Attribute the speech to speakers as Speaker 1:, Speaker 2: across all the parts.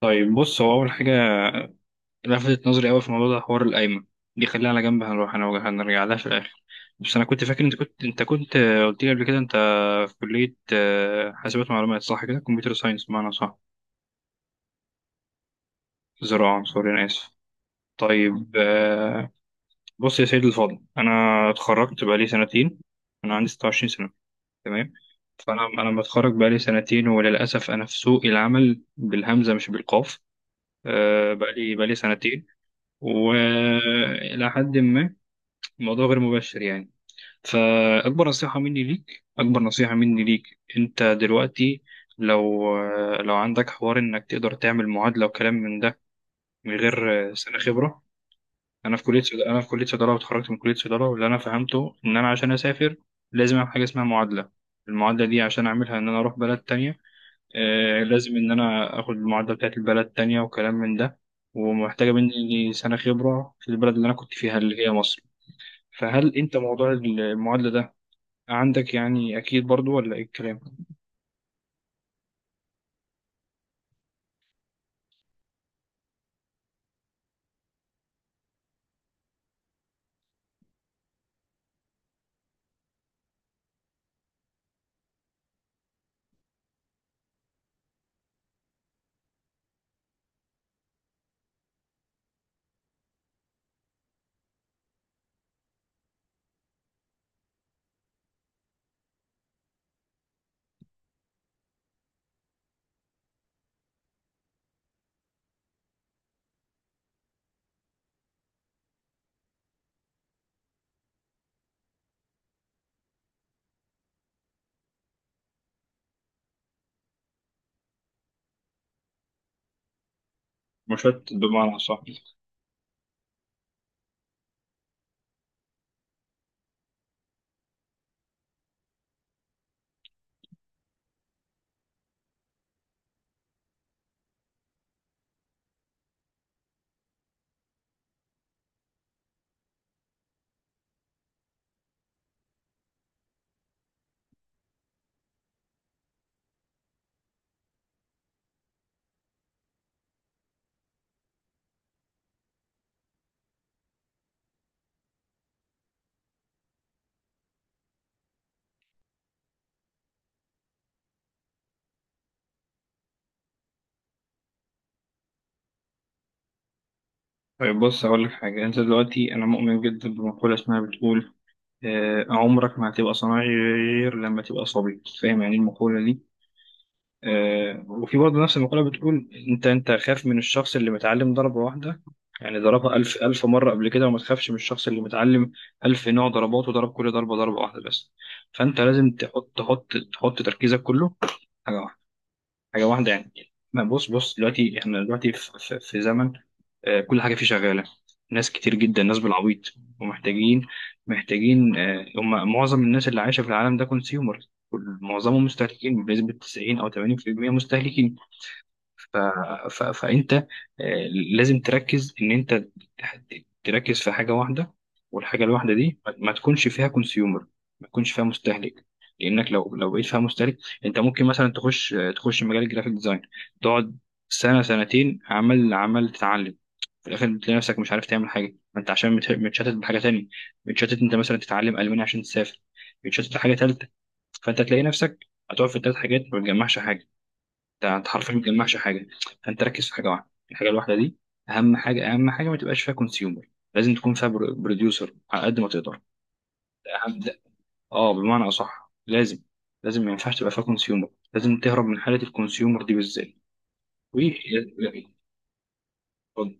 Speaker 1: طيب بص، هو أول حاجة لفتت نظري أوي في الموضوع ده حوار القايمة دي، خليها على جنب، هنروح هنرجع لها في الآخر. بس أنا كنت فاكر أنت كنت قلت لي قبل كده أنت في كلية حاسبات معلومات، صح كده؟ كمبيوتر ساينس بمعنى، صح؟ زراعة، سوري أنا آسف. طيب، بص يا سيدي الفاضل، أنا اتخرجت بقالي سنتين، أنا عندي 26 سنة. تمام. فأنا متخرج بقالي سنتين، وللأسف أنا في سوق العمل بالهمزة مش بالقاف. بقالي سنتين، وإلى حد ما الموضوع غير مباشر يعني. فأكبر نصيحة مني ليك، أنت دلوقتي لو عندك حوار إنك تقدر تعمل معادلة وكلام من ده من غير سنة خبرة، أنا في كلية صيدلة، واتخرجت من كلية صيدلة، واللي أنا فهمته إن أنا عشان أسافر لازم أعمل حاجة اسمها معادلة. المعادلة دي عشان أعملها إن أنا أروح بلد تانية، لازم إن أنا آخد المعادلة بتاعت البلد تانية وكلام من ده، ومحتاجة مني سنة خبرة في البلد اللي أنا كنت فيها اللي هي مصر. فهل أنت موضوع المعادلة ده عندك يعني أكيد برضو ولا إيه الكلام؟ مشت بمعنى صح. طيب بص، هقول لك حاجة. أنت دلوقتي، أنا مؤمن جدا بمقولة اسمها بتقول عمرك ما هتبقى صناعي غير لما تبقى صبي. فاهم يعني إيه المقولة دي؟ وفي برضه نفس المقولة بتقول، انت خاف من الشخص اللي متعلم ضربة واحدة يعني ضربها ألف مرة قبل كده، وما تخافش من الشخص اللي متعلم ألف نوع ضربات وضرب كل ضربة ضربة واحدة بس. فأنت لازم تحط تركيزك كله حاجه واحده يعني. ما بص دلوقتي، احنا دلوقتي في، في زمن كل حاجه فيه شغاله، ناس كتير جدا، ناس بالعبيط، ومحتاجين، هم معظم الناس اللي عايشه في العالم ده كونسيومر، معظمهم مستهلكين بنسبه 90 او 80%، مستهلكين. ف... فانت لازم تركز ان انت تح- تركز في حاجه واحده، والحاجه الواحده دي ما تكونش فيها كونسيومر، ما تكونش فيها مستهلك. لانك لو بقيت فيها مستهلك، انت ممكن مثلا تخش مجال الجرافيك ديزاين، تقعد سنه سنتين عمال تتعلم، في الاخر بتلاقي نفسك مش عارف تعمل حاجه، ما انت عشان متشتت بحاجه تانية، متشتت انت مثلا تتعلم الماني عشان تسافر، متشتت في حاجه تالته. فانت تلاقي نفسك هتقعد في ثلاث حاجات ما بتجمعش حاجه، ده انت حرفيا ما بتجمعش حاجه. فانت ركز في حاجه واحده، الحاجه الواحده دي اهم حاجه، ما تبقاش فيها كونسيومر، لازم تكون فيها بروديوسر على قد ما تقدر. اهم ده. اه، بمعنى اصح لازم، ما ينفعش تبقى فيها كونسيومر، لازم تهرب من حاله الكونسيومر دي بالذات. وي، لا، اتفضل.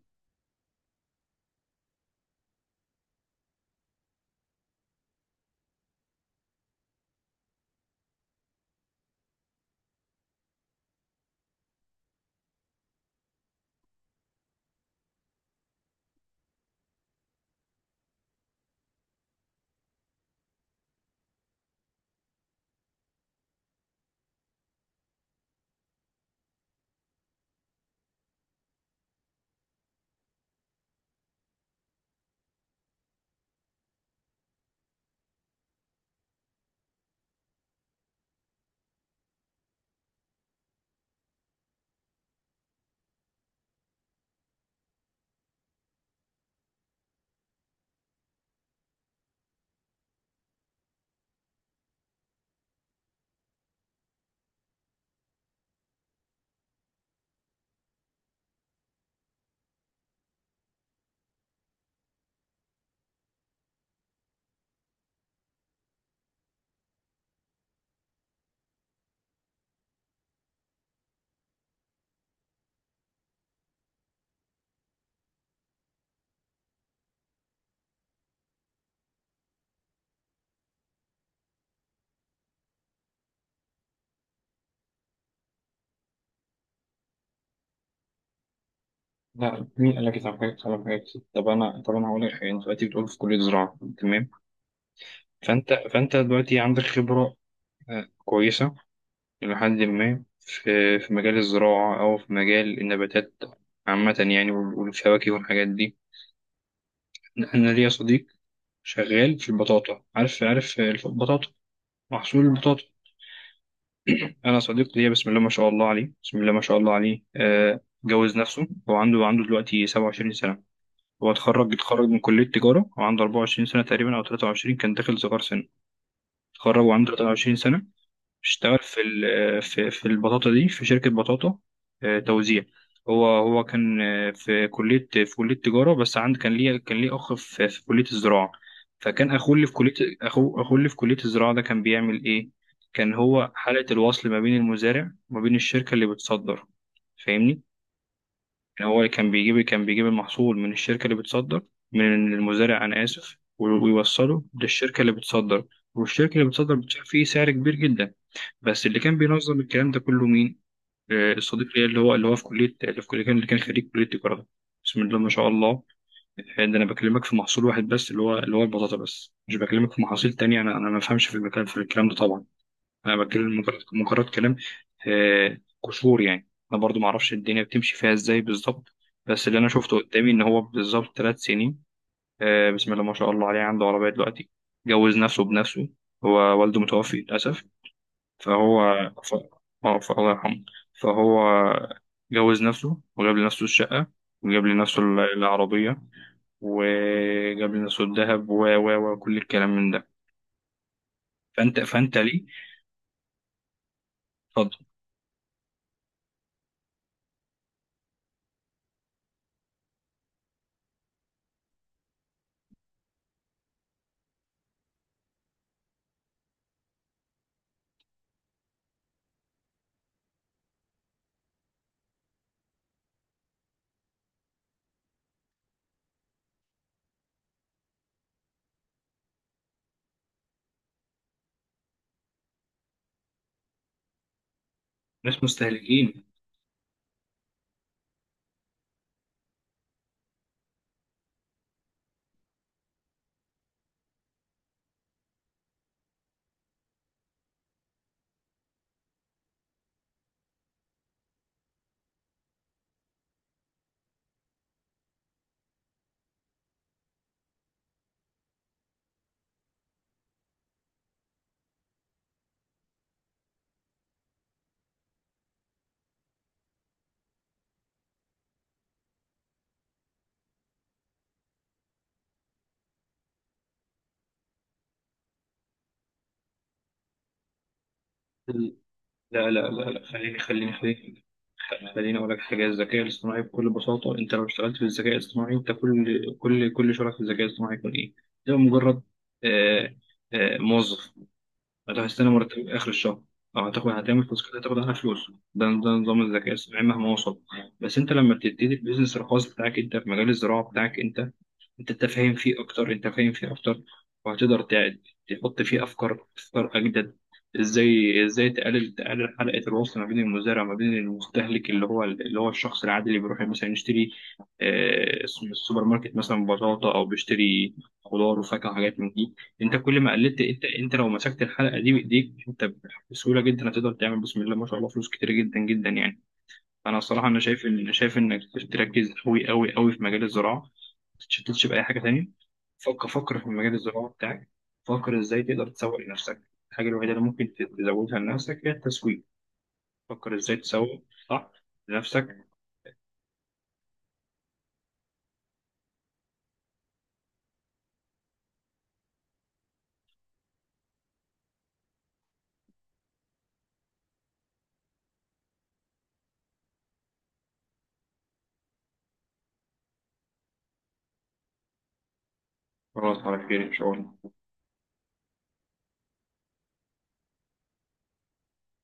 Speaker 1: لا، مين قال لك يتعمل حاجات على حاجات كتير؟ طب انا هقول لك حاجه. انت دلوقتي بتقول في كليه زراعه، تمام. فانت دلوقتي عندك خبره كويسه إلى حد ما في مجال الزراعة أو في مجال النباتات عامة يعني، والفواكه والحاجات دي. أنا ليا صديق شغال في البطاطا، عارف؟ البطاطا محصول البطاطا. أنا صديق ليا بسم الله ما شاء الله عليه، جوز نفسه، هو عنده دلوقتي 27 سنة. هو اتخرج من كلية تجارة وعنده 24 سنة تقريبا أو 23، كان داخل صغار سن، اتخرج وعنده 23 سنة. اشتغل في في البطاطا دي في شركة بطاطا توزيع. هو كان في كلية تجارة بس كان ليه أخ في كلية الزراعة. فكان أخوه اللي في كلية، أخوه اللي في كلية الزراعة ده كان بيعمل إيه؟ كان هو حلقة الوصل ما بين المزارع وما بين الشركة اللي بتصدر. فاهمني؟ يعني هو كان بيجيب المحصول من الشركة اللي بتصدر، من المزارع أنا آسف، ويوصله للشركة اللي بتصدر. والشركة اللي بتصدر بتدفع فيه سعر كبير جدا. بس اللي كان بينظم الكلام ده كله مين؟ الصديق ليا، اللي هو في كلية، اللي كان خريج كلية تجارة ده. بسم الله ما شاء الله. ده أنا بكلمك في محصول واحد بس اللي هو البطاطا بس، مش بكلمك في محاصيل تانية، أنا ما بفهمش في المكان في الكلام ده طبعا، أنا بتكلم مجرد كلام قشور يعني، أنا برضو ما أعرفش الدنيا بتمشي فيها إزاي بالظبط. بس اللي أنا شفته قدامي إن هو بالظبط 3 سنين بسم الله ما شاء الله عليه، عنده عربية دلوقتي، جوز نفسه بنفسه. هو والده متوفي للأسف. فهو، ف... اه، الله يرحمه. فهو جوز نفسه وجاب لنفسه الشقة، وجاب لنفسه العربية، وجاب لنفسه الذهب و و وكل الكلام من ده. فأنت ليه؟ اتفضل. ناس مستهلكين. لا، خليني، خليني أقول لك حاجة. الذكاء الاصطناعي بكل بساطة، أنت لو اشتغلت في الذكاء الاصطناعي، أنت كل، شغلك في الذكاء الاصطناعي يكون إيه؟ ده مجرد آه، موظف. أنت هتستنى مرتب آخر الشهر، أو هتعمل فلوس كده هتاخد عنها فلوس. ده نظام الذكاء الصناعي مهما وصل. بس أنت لما تبتدي البيزنس الخاص بتاعك أنت في مجال الزراعة بتاعك، أنت تفهم فيه أكتر، أنت فاهم فيه أكتر، وهتقدر تحط فيه أفكار أجدد. إزاي تقلل حلقة الوصل ما بين المزارع وما بين المستهلك اللي هو الشخص العادي اللي بيروح مثلا يشتري من السوبر ماركت مثلا بطاطا أو بيشتري خضار وفاكهة وحاجات من دي. انت كل ما قللت، انت لو مسكت الحلقه دي بايديك انت، بسهوله جدا هتقدر تعمل بسم الله ما شاء الله فلوس كتير جدا يعني انا الصراحه انا شايف ان، انا شايف انك تركز قوي في مجال الزراعه، ما تتشتتش باي حاجه تانية. فكر، في مجال الزراعه بتاعك، فكر ازاي تقدر تسوق لنفسك. الحاجه الوحيده اللي ممكن تزودها لنفسك هي التسويق. فكر ازاي تسوق صح لنفسك. خلاص، على خير ان شاء الله.